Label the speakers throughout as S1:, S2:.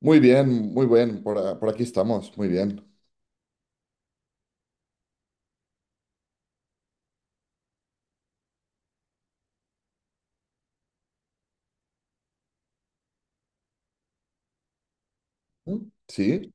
S1: Muy bien, por aquí estamos, muy bien. ¿Mm? Sí.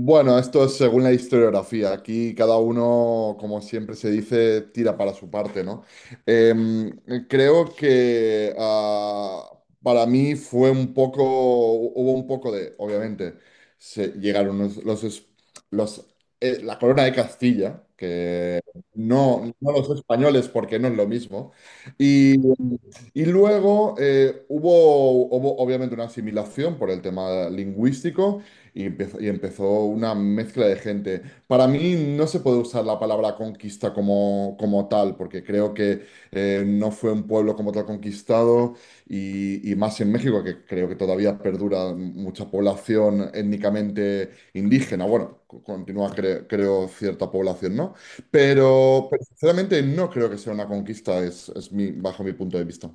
S1: Bueno, esto es según la historiografía. Aquí cada uno, como siempre se dice, tira para su parte, ¿no? Em, Creo que para mí fue un poco, hubo un poco de, obviamente, se llegaron los, la corona de Castilla, que no, no los españoles, porque no es lo mismo. Y y luego hubo obviamente una asimilación por el tema lingüístico. Y empezó una mezcla de gente. Para mí no se puede usar la palabra conquista como tal, porque creo que no fue un pueblo como tal conquistado, y más en México, que creo que todavía perdura mucha población étnicamente indígena. Bueno, continúa, creo, cierta población, ¿no? Pero sinceramente no creo que sea una conquista, bajo mi punto de vista.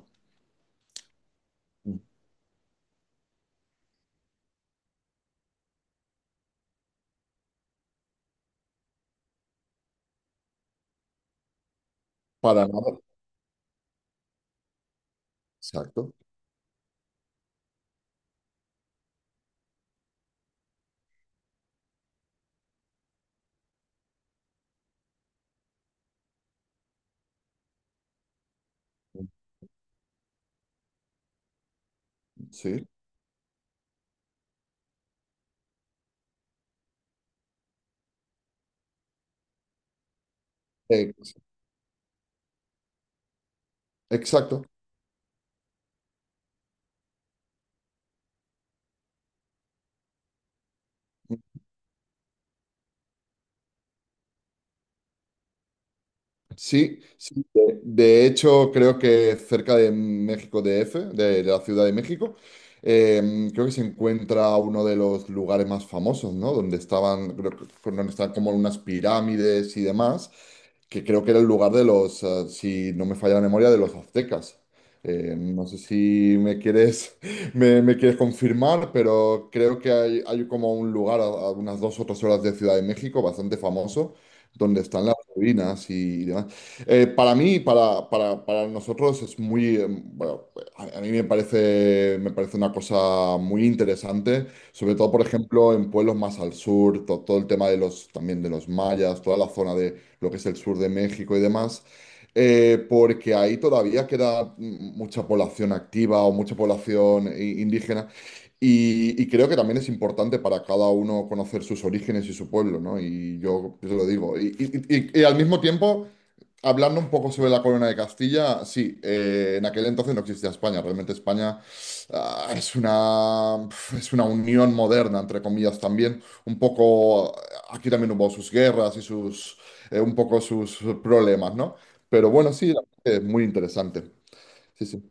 S1: Para nada. Exacto. Sí. Ex- Exacto. Sí, sí, de hecho, creo que cerca de México DF, la Ciudad de México, creo que se encuentra uno de los lugares más famosos, ¿no? Donde estaban, donde están como unas pirámides y demás, que creo que era el lugar de los, si no me falla la memoria, de los aztecas. No sé si me quieres, me quieres confirmar, pero creo que hay como un lugar a unas dos o tres horas de Ciudad de México, bastante famoso, donde están las ruinas y demás. Para mí, para nosotros es muy, bueno, a mí me parece una cosa muy interesante, sobre todo, por ejemplo, en pueblos más al sur, todo el tema de los, también de los mayas, toda la zona, lo que es el sur de México y demás, porque ahí todavía queda mucha población activa o mucha población indígena. Y creo que también es importante para cada uno conocer sus orígenes y su pueblo, ¿no? Y yo te lo digo. Y al mismo tiempo, hablando un poco sobre la corona de Castilla, sí, en aquel entonces no existía España. Realmente España ah, es una, es una unión moderna, entre comillas, también. Un poco, aquí también hubo sus guerras y sus, un poco sus problemas, ¿no? Pero bueno, sí, la verdad que es muy interesante. Sí, sí.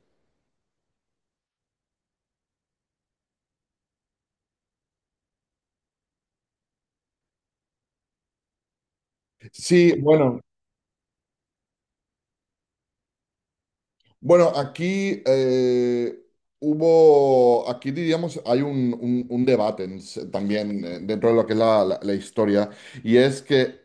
S1: Sí, bueno, aquí aquí diríamos, hay un debate también, dentro de lo que es la, la historia, y es que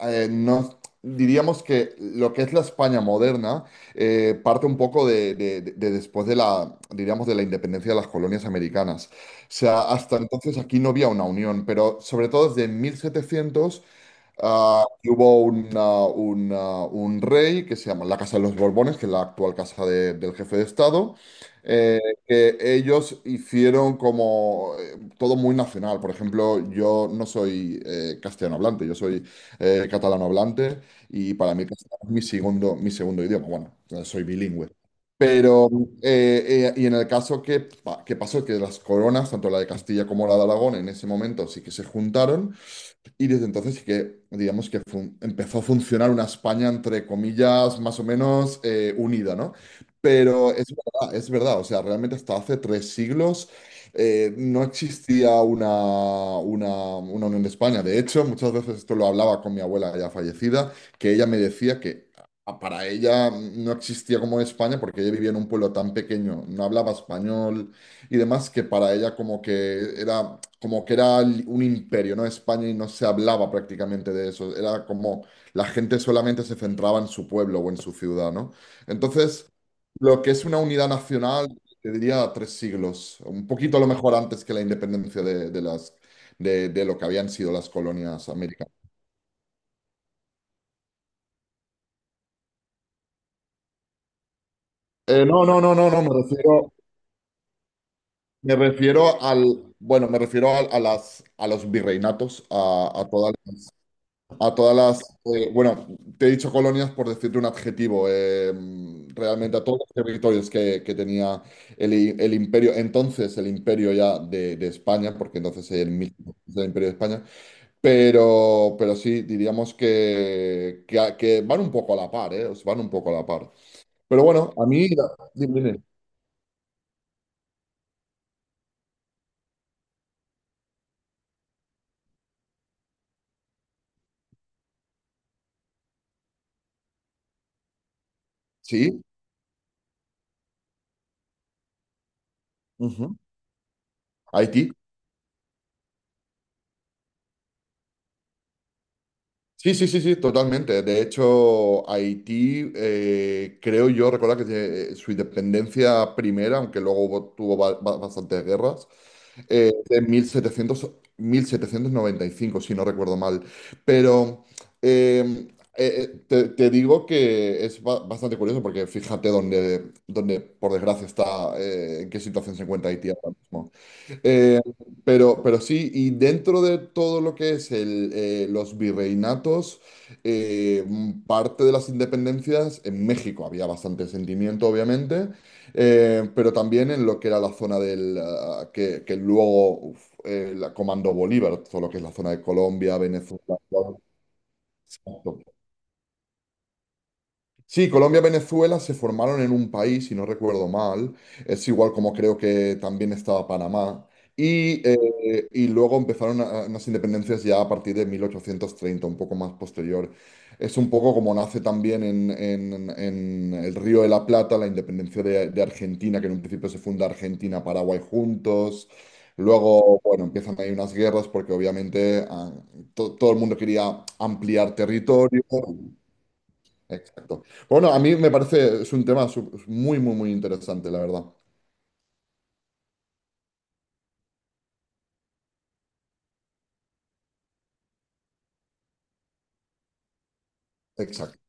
S1: no, diríamos que lo que es la España moderna, parte un poco de, de después de la, diríamos, de la independencia de las colonias americanas. O sea, hasta entonces aquí no había una unión, pero sobre todo desde 1700. Hubo un una- un ah, un rey que se llama la Casa de los Borbones, que es la actual casa del jefe de Estado, eh, que ellos hicieron como, todo muy nacional. Por ejemplo, yo no soy, castellano hablante, yo soy, catalano hablante, y para mí castellano es mi segundo idioma. Bueno, soy bilingüe. Pero, y en el caso que pasó, que las coronas, tanto la de Castilla como la de Aragón, en ese momento sí que se juntaron y desde entonces sí que, digamos que empezó a funcionar una España, entre comillas, más o menos, unida, ¿no? Pero es verdad, o sea, realmente hasta hace tres siglos, no existía una Unión de España. De hecho, muchas veces esto lo hablaba con mi abuela ya fallecida, que ella me decía que, para ella no existía como España, porque ella vivía en un pueblo tan pequeño, no hablaba español y demás, que para ella como que era un imperio, ¿no? España, y no se hablaba prácticamente de eso. Era como, la gente solamente se centraba en su pueblo o en su ciudad, ¿no? Entonces, lo que es una unidad nacional, te diría tres siglos, un poquito a lo mejor antes que la independencia de lo que habían sido las colonias americanas. No, no, no, no, no, me refiero al, bueno, me refiero a las, a los virreinatos, a todas las, bueno, te he dicho colonias por decirte un adjetivo, realmente a todos los territorios que tenía el imperio, entonces el imperio ya de España, porque entonces en 1500 el imperio de España, pero sí, diríamos que, que van un poco a la par, os van un poco a la par. Pero bueno, a mí, dime, dime. Sí, ujú. Haití. Sí, sí, sí, sí, totalmente. De hecho, Haití, creo yo recordar que tiene, su independencia primera, aunque luego tuvo bastantes guerras, de mil setecientos, 1795, si no recuerdo mal. Pero eh, te digo que es bastante curioso, porque fíjate dónde, por desgracia, está, en qué situación se encuentra Haití ahora mismo. Eh, pero sí, y dentro de todo lo que es los virreinatos, parte de las independencias en México había bastante sentimiento, obviamente, pero también en lo que era la zona que luego, la comandó Bolívar, todo lo que es la zona de Colombia, Venezuela. Exacto. Sí, Colombia y Venezuela se formaron en un país, si no recuerdo mal. Es igual como creo que también estaba Panamá. Y luego empezaron unas independencias ya a partir de 1830, un poco más posterior. Es un poco como nace también en el Río de la Plata la independencia de Argentina, que en un principio se funda Argentina-Paraguay juntos. Luego, bueno, empiezan ahí unas guerras porque obviamente, todo el mundo quería ampliar territorio. Exacto. Bueno, a mí me parece, es un tema, muy, muy, muy interesante, la verdad. Exacto.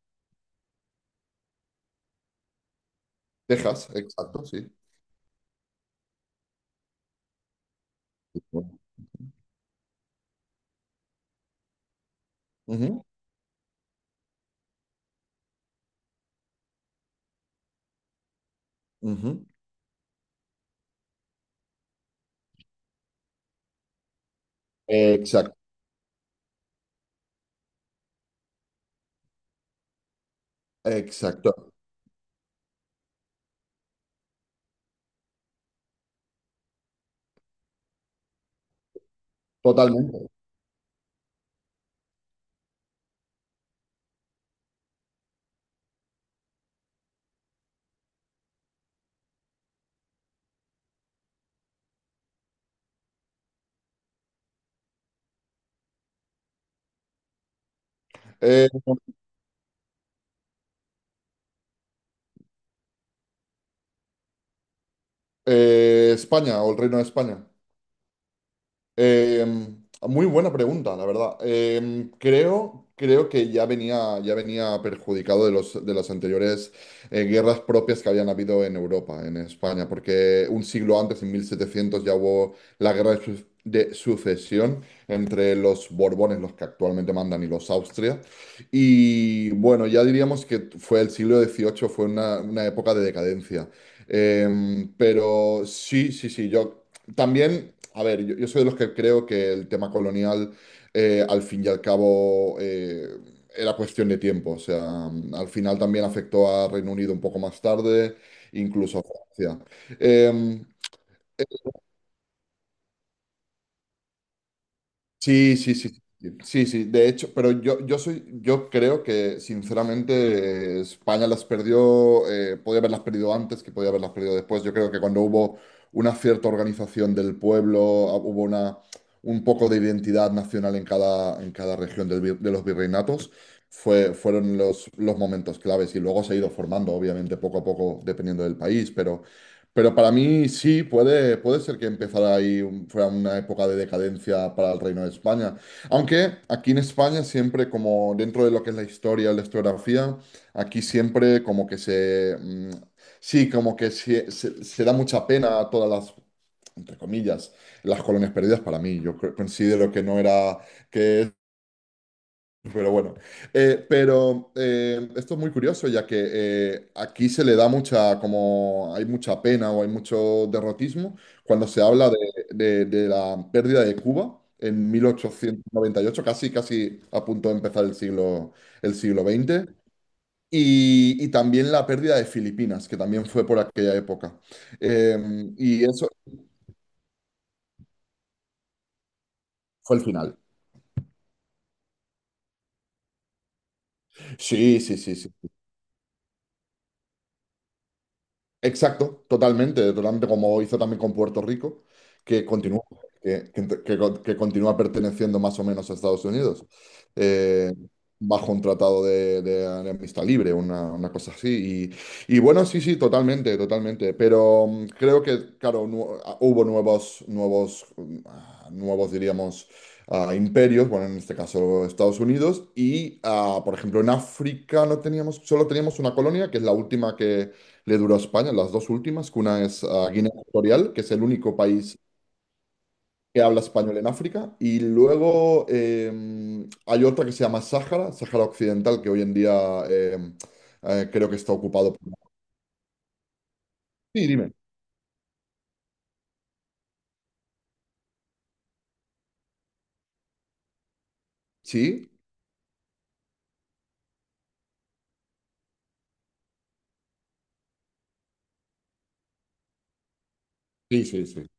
S1: Texas, exacto, sí. Ujú, ujú. Exacto, exacto. Totalmente. Eh, España o el Reino de España. Muy buena pregunta, la verdad. Creo que ya venía perjudicado de las anteriores, guerras propias que habían habido en Europa, en España, porque un siglo antes, en 1700, ya hubo la guerra de sucesión entre los Borbones, los que actualmente mandan, y los Austria. Y bueno, ya diríamos que fue el siglo XVIII, fue una época de decadencia. Pero sí, sí, sí, yo... También, a ver, yo soy de los que creo que el tema colonial, al fin y al cabo, era cuestión de tiempo. O sea, al final también afectó a Reino Unido un poco más tarde, incluso a Francia. Eh, Sí, sí, sí, sí, sí, de hecho, pero yo creo que sinceramente, España las perdió, podía haberlas perdido antes que podía haberlas perdido después. Yo creo que cuando hubo una cierta organización del pueblo, hubo un poco de identidad nacional en cada región de los virreinatos, fueron los momentos claves, y luego se ha ido formando, obviamente, poco a poco, dependiendo del país, pero para mí sí, puede ser que empezara ahí, fuera una época de decadencia para el Reino de España. Aunque aquí en España siempre, como dentro de lo que es la historia, la historiografía, aquí siempre como que se, sí, como que se da mucha pena a todas las, entre comillas, las colonias perdidas, para mí. Yo considero que no era... que pero bueno, pero, esto es muy curioso, ya que, aquí se le da mucha, como hay mucha pena o hay mucho derrotismo, cuando se habla de, de la pérdida de Cuba en 1898, casi, casi a punto de empezar el siglo, veinte, y también la pérdida de Filipinas, que también fue por aquella época. Y eso fue el final. Sí, sí, sí, sí. Exacto, totalmente, totalmente, como hizo también con Puerto Rico, que continúa, que con- que continúa perteneciendo más o menos a Estados Unidos, eh, bajo un tratado de amistad libre, una cosa así. Y bueno, sí, sí, totalmente, totalmente. Pero creo que, claro, hubo nuevos, diríamos, imperios, bueno, en este caso Estados Unidos, y, por ejemplo, en África no teníamos, solo teníamos una colonia, que es la última, le duró a España, las dos últimas, que una es a Guinea Ecuatorial, que es el único país que habla español en África, y luego, hay otra que se llama Sáhara, Sáhara Occidental, que hoy en día creo que está ocupado por... Sí, dime. Sí, sí, sí, sí.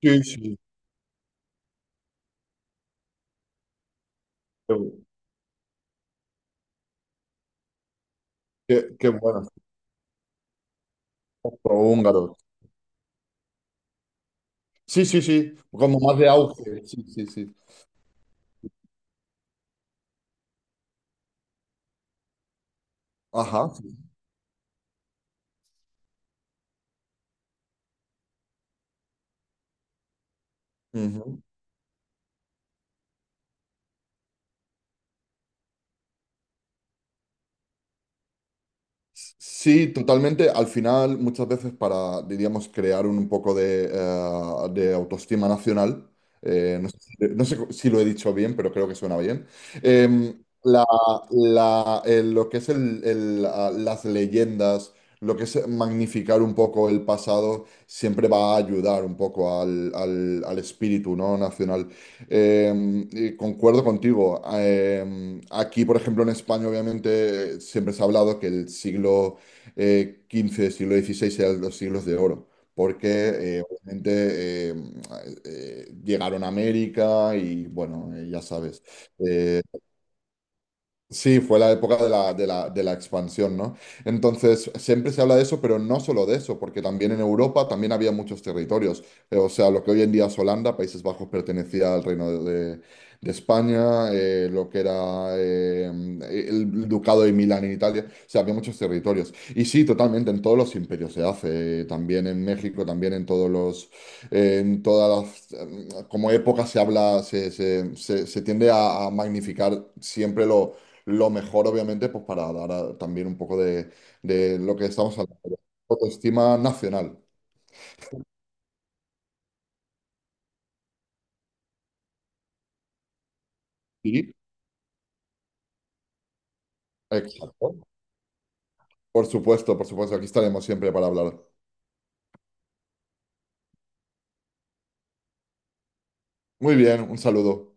S1: Sí, sí. Qué buenas, húngaros. Sí, sí, sí, como más de auge. Sí, sí, sí. Ajá. Sí, totalmente. Al final, muchas veces para, diríamos, crear un poco de autoestima nacional, si no sé si lo he dicho bien, pero creo que suena bien, eh, la- lo que es las leyendas, lo que es magnificar un poco el pasado, siempre va a ayudar un poco al espíritu, ¿no?, nacional. Eh, y concuerdo contigo. Aquí, por ejemplo, en España, obviamente, siempre se ha hablado que el siglo, XV, siglo XVI eran los siglos de oro, porque obviamente, llegaron a América y, bueno, ya sabes, eh, sí, fue la época de la expansión, ¿no? Entonces, siempre se habla de eso, pero no solo de eso, porque también en Europa también había muchos territorios. O sea, lo que hoy en día es Holanda, Países Bajos, pertenecía al Reino de España, lo que era, el Ducado de Milán en Italia, o sea, había muchos territorios. Y sí, totalmente, en todos los imperios se hace, también en México, también en todos los, en todas las, como época se habla, se tiende a magnificar siempre lo mejor, obviamente, pues para dar, también un poco de lo que estamos hablando, de autoestima nacional. Sí, exacto. Por supuesto, aquí estaremos siempre para hablar. Muy bien, un saludo.